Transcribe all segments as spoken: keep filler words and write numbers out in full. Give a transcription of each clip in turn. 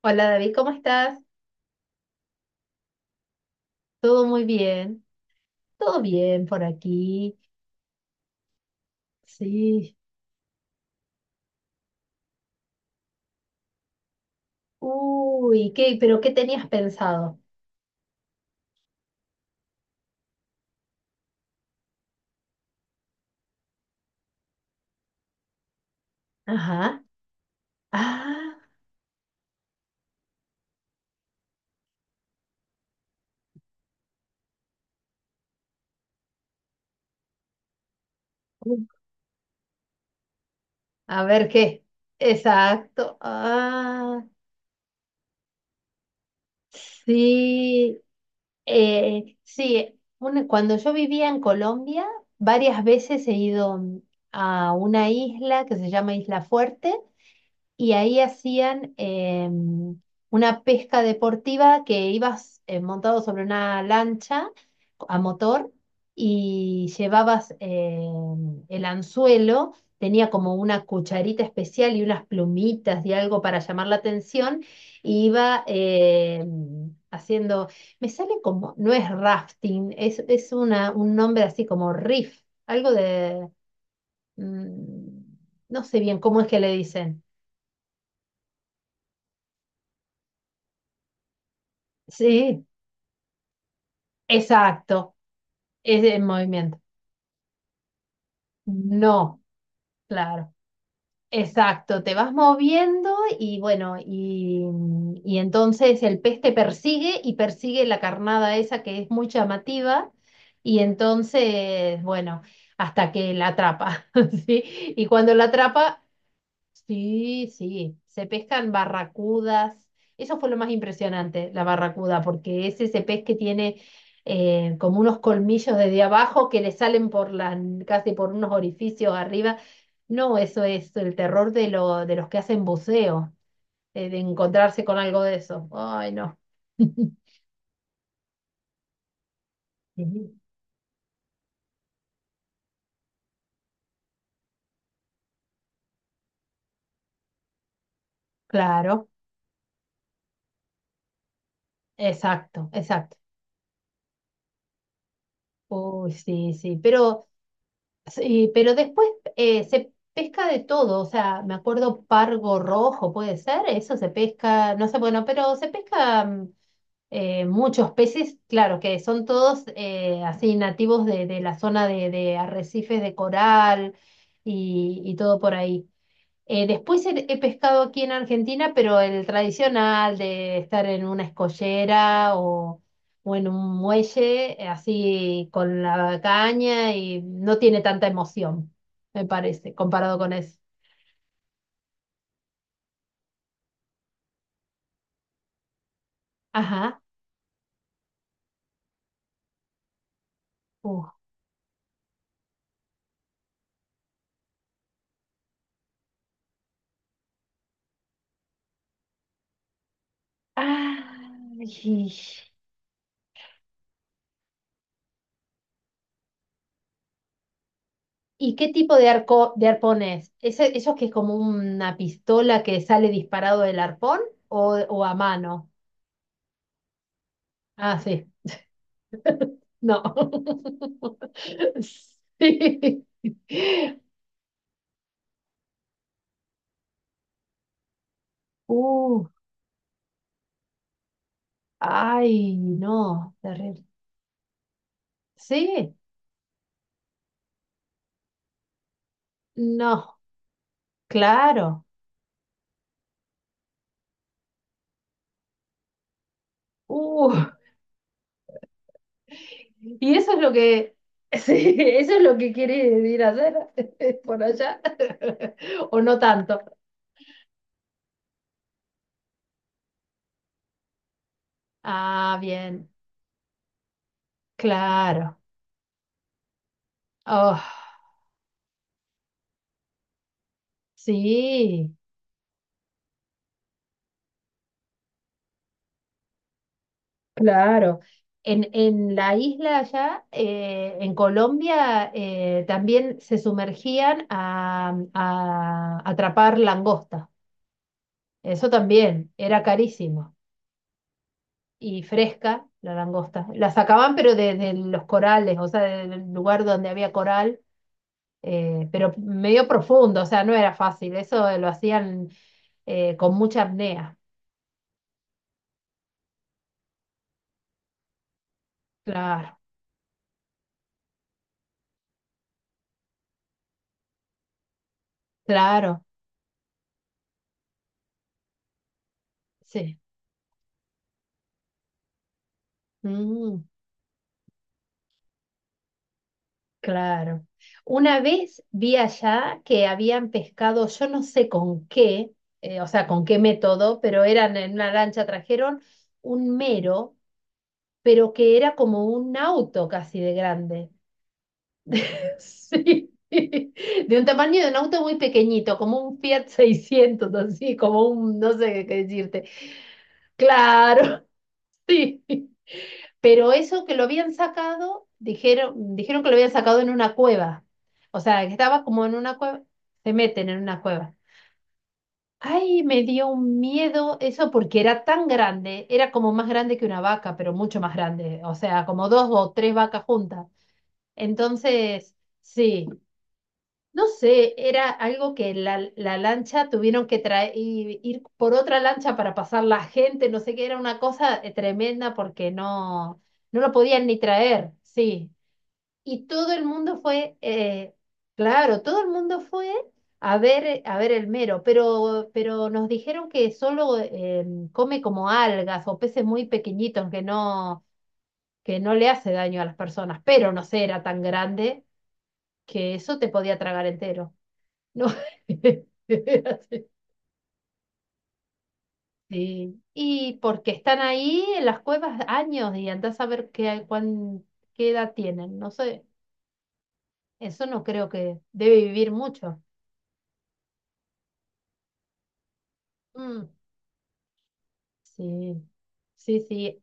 Hola David, ¿cómo estás? ¿Todo muy bien? ¿Todo bien por aquí? Sí. Uy, ¿qué? ¿Pero qué tenías pensado? Ajá. Ah, uh, a ver qué. Exacto. Ah, sí. Eh, sí, una- cuando yo vivía en Colombia, varias veces he ido mm, a una isla que se llama Isla Fuerte, y ahí hacían em, una pesca deportiva, que ibas eh, montado sobre una lancha a motor, y llevabas em, el anzuelo, tenía como una cucharita especial y unas plumitas y algo para llamar la atención, y iba em, haciendo. Me sale como, no es rafting, es, es una, un nombre así como riff, algo de, mm, no sé bien cómo es que le dicen. Sí, exacto, es el movimiento. No, claro, exacto. Te vas moviendo y bueno, y, y entonces el pez te persigue y persigue la carnada esa que es muy llamativa, y entonces, bueno, hasta que la atrapa, ¿sí? Y cuando la atrapa, sí, sí, se pescan barracudas. Eso fue lo más impresionante, la barracuda, porque es ese pez que tiene eh, como unos colmillos desde abajo que le salen por la, casi por unos orificios arriba. No, eso es el terror de, lo, de los que hacen buceo, eh, de encontrarse con algo de eso. Ay, no. Sí, claro, exacto, exacto. Uy, sí, sí, pero, sí, pero después, eh, se pesca de todo, o sea, me acuerdo, pargo rojo, puede ser, eso se pesca, no sé, bueno, pero se pesca mm, eh, muchos peces, claro, que son todos eh, así nativos de, de la zona de, de arrecifes de coral, y, y todo por ahí. Eh, después he, he pescado aquí en Argentina, pero el tradicional de estar en una escollera, o, o en un muelle, eh, así con la caña, y no tiene tanta emoción, me parece, comparado con eso. Ajá. Uh. Ay, ¿y qué tipo de arco, de arpón es? ¿Ese, esos que es como una pistola que sale disparado del arpón, o, o a mano? Ah, sí. No. Sí. Uh, Ay, no, terrible. Sí, no, claro. Uh, y eso es lo que, sí, eso es lo que quieres ir a hacer por allá. O no tanto. Ah, bien, claro. Oh, sí. Claro. En, en la isla allá, eh, en Colombia, eh, también se sumergían a, a atrapar langosta. Eso también era carísimo. Y fresca la langosta. La sacaban, pero desde los corales, o sea, del lugar donde había coral, eh, pero medio profundo, o sea, no era fácil. Eso lo hacían eh, con mucha apnea. Claro, claro, sí. Mm. Claro. Una vez vi allá que habían pescado, yo no sé con qué, eh, o sea, con qué método, pero eran en una lancha, trajeron un mero, pero que era como un auto casi de grande. Sí. De un tamaño de un auto muy pequeñito, como un Fiat seiscientos así, como un, no sé qué decirte. Claro, sí. Pero eso que lo habían sacado, dijeron, dijeron, que lo habían sacado en una cueva. O sea, que estaba como en una cueva, se meten en una cueva. Ay, me dio un miedo eso porque era tan grande, era como más grande que una vaca, pero mucho más grande, o sea, como dos o tres vacas juntas. Entonces, sí, no sé, era algo que la, la lancha tuvieron que traer, ir por otra lancha para pasar la gente, no sé qué, era una cosa eh, tremenda, porque no, no lo podían ni traer, sí. Y todo el mundo fue, eh, claro, todo el mundo fue a ver, eh, a ver el mero, pero, pero, nos dijeron que solo eh, come como algas o peces muy pequeñitos, que no, que no le hace daño a las personas, pero no sé, era tan grande que eso te podía tragar entero. No. Era así. Sí. Y porque están ahí en las cuevas años, y andás a ver qué, cuán, qué edad tienen. No sé, eso no creo que debe vivir mucho. Mm, sí, sí, sí.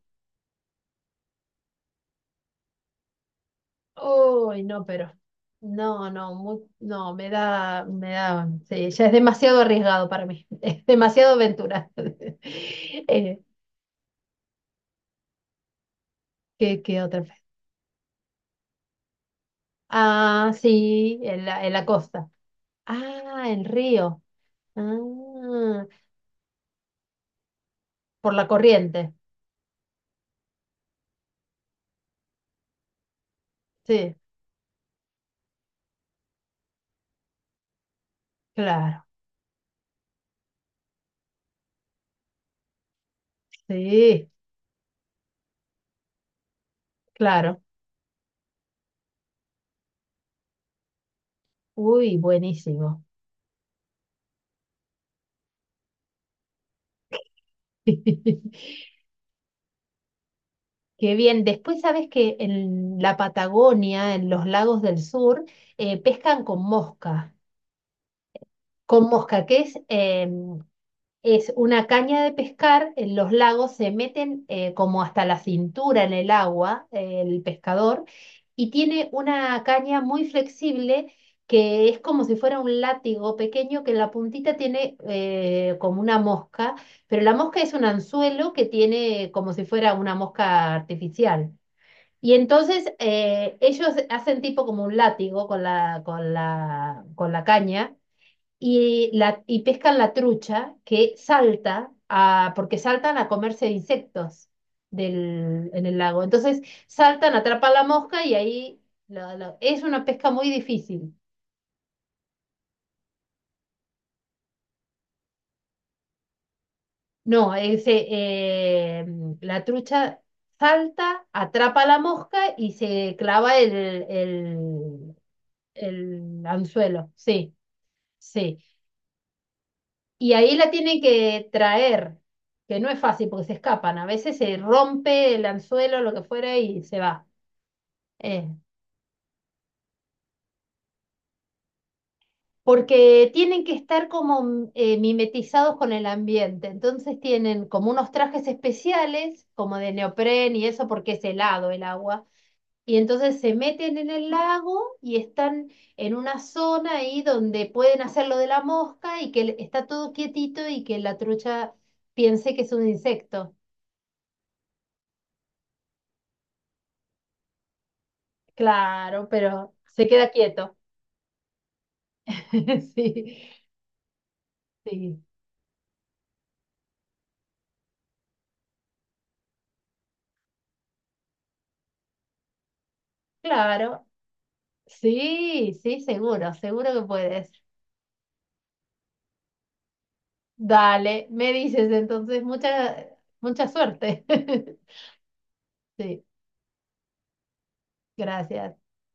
Uy, no, pero no, no, mu- no, me da, me da, sí, ya es demasiado arriesgado para mí. Es demasiado aventura. Eh, ¿qué, qué otra vez? Ah, sí, en la, en la costa. Ah, en Río. Ah, por la corriente. Sí, claro. Sí, claro. Uy, buenísimo. Qué bien. Después sabes que en la Patagonia, en los lagos del sur, eh, pescan con mosca. Con mosca, que es, eh, es una caña de pescar, en los lagos se meten eh, como hasta la cintura en el agua, eh, el pescador, y tiene una caña muy flexible, que es como si fuera un látigo pequeño, que en la puntita tiene eh, como una mosca, pero la mosca es un anzuelo que tiene como si fuera una mosca artificial. Y entonces eh, ellos hacen tipo como un látigo con la, con la, con la caña y, la, y pescan la trucha que salta a, porque saltan a comerse insectos del, en el lago. Entonces saltan, atrapan la mosca, y ahí la- la- es una pesca muy difícil. No, ese, eh, la trucha salta, atrapa la mosca y se clava el, el, el anzuelo. Sí, sí. Y ahí la tienen que traer, que no es fácil porque se escapan. A veces se rompe el anzuelo, lo que fuera, y se va. Eh, Porque tienen que estar como eh, mimetizados con el ambiente. Entonces tienen como unos trajes especiales, como de neopren y eso, porque es helado el agua. Y entonces se meten en el lago y están en una zona ahí donde pueden hacer lo de la mosca y que está todo quietito, y que la trucha piense que es un insecto. Claro, pero se queda quieto. Sí, sí, claro. Sí, sí, seguro, seguro que puedes. Dale, me dices entonces. Mucha, mucha suerte. Sí, gracias.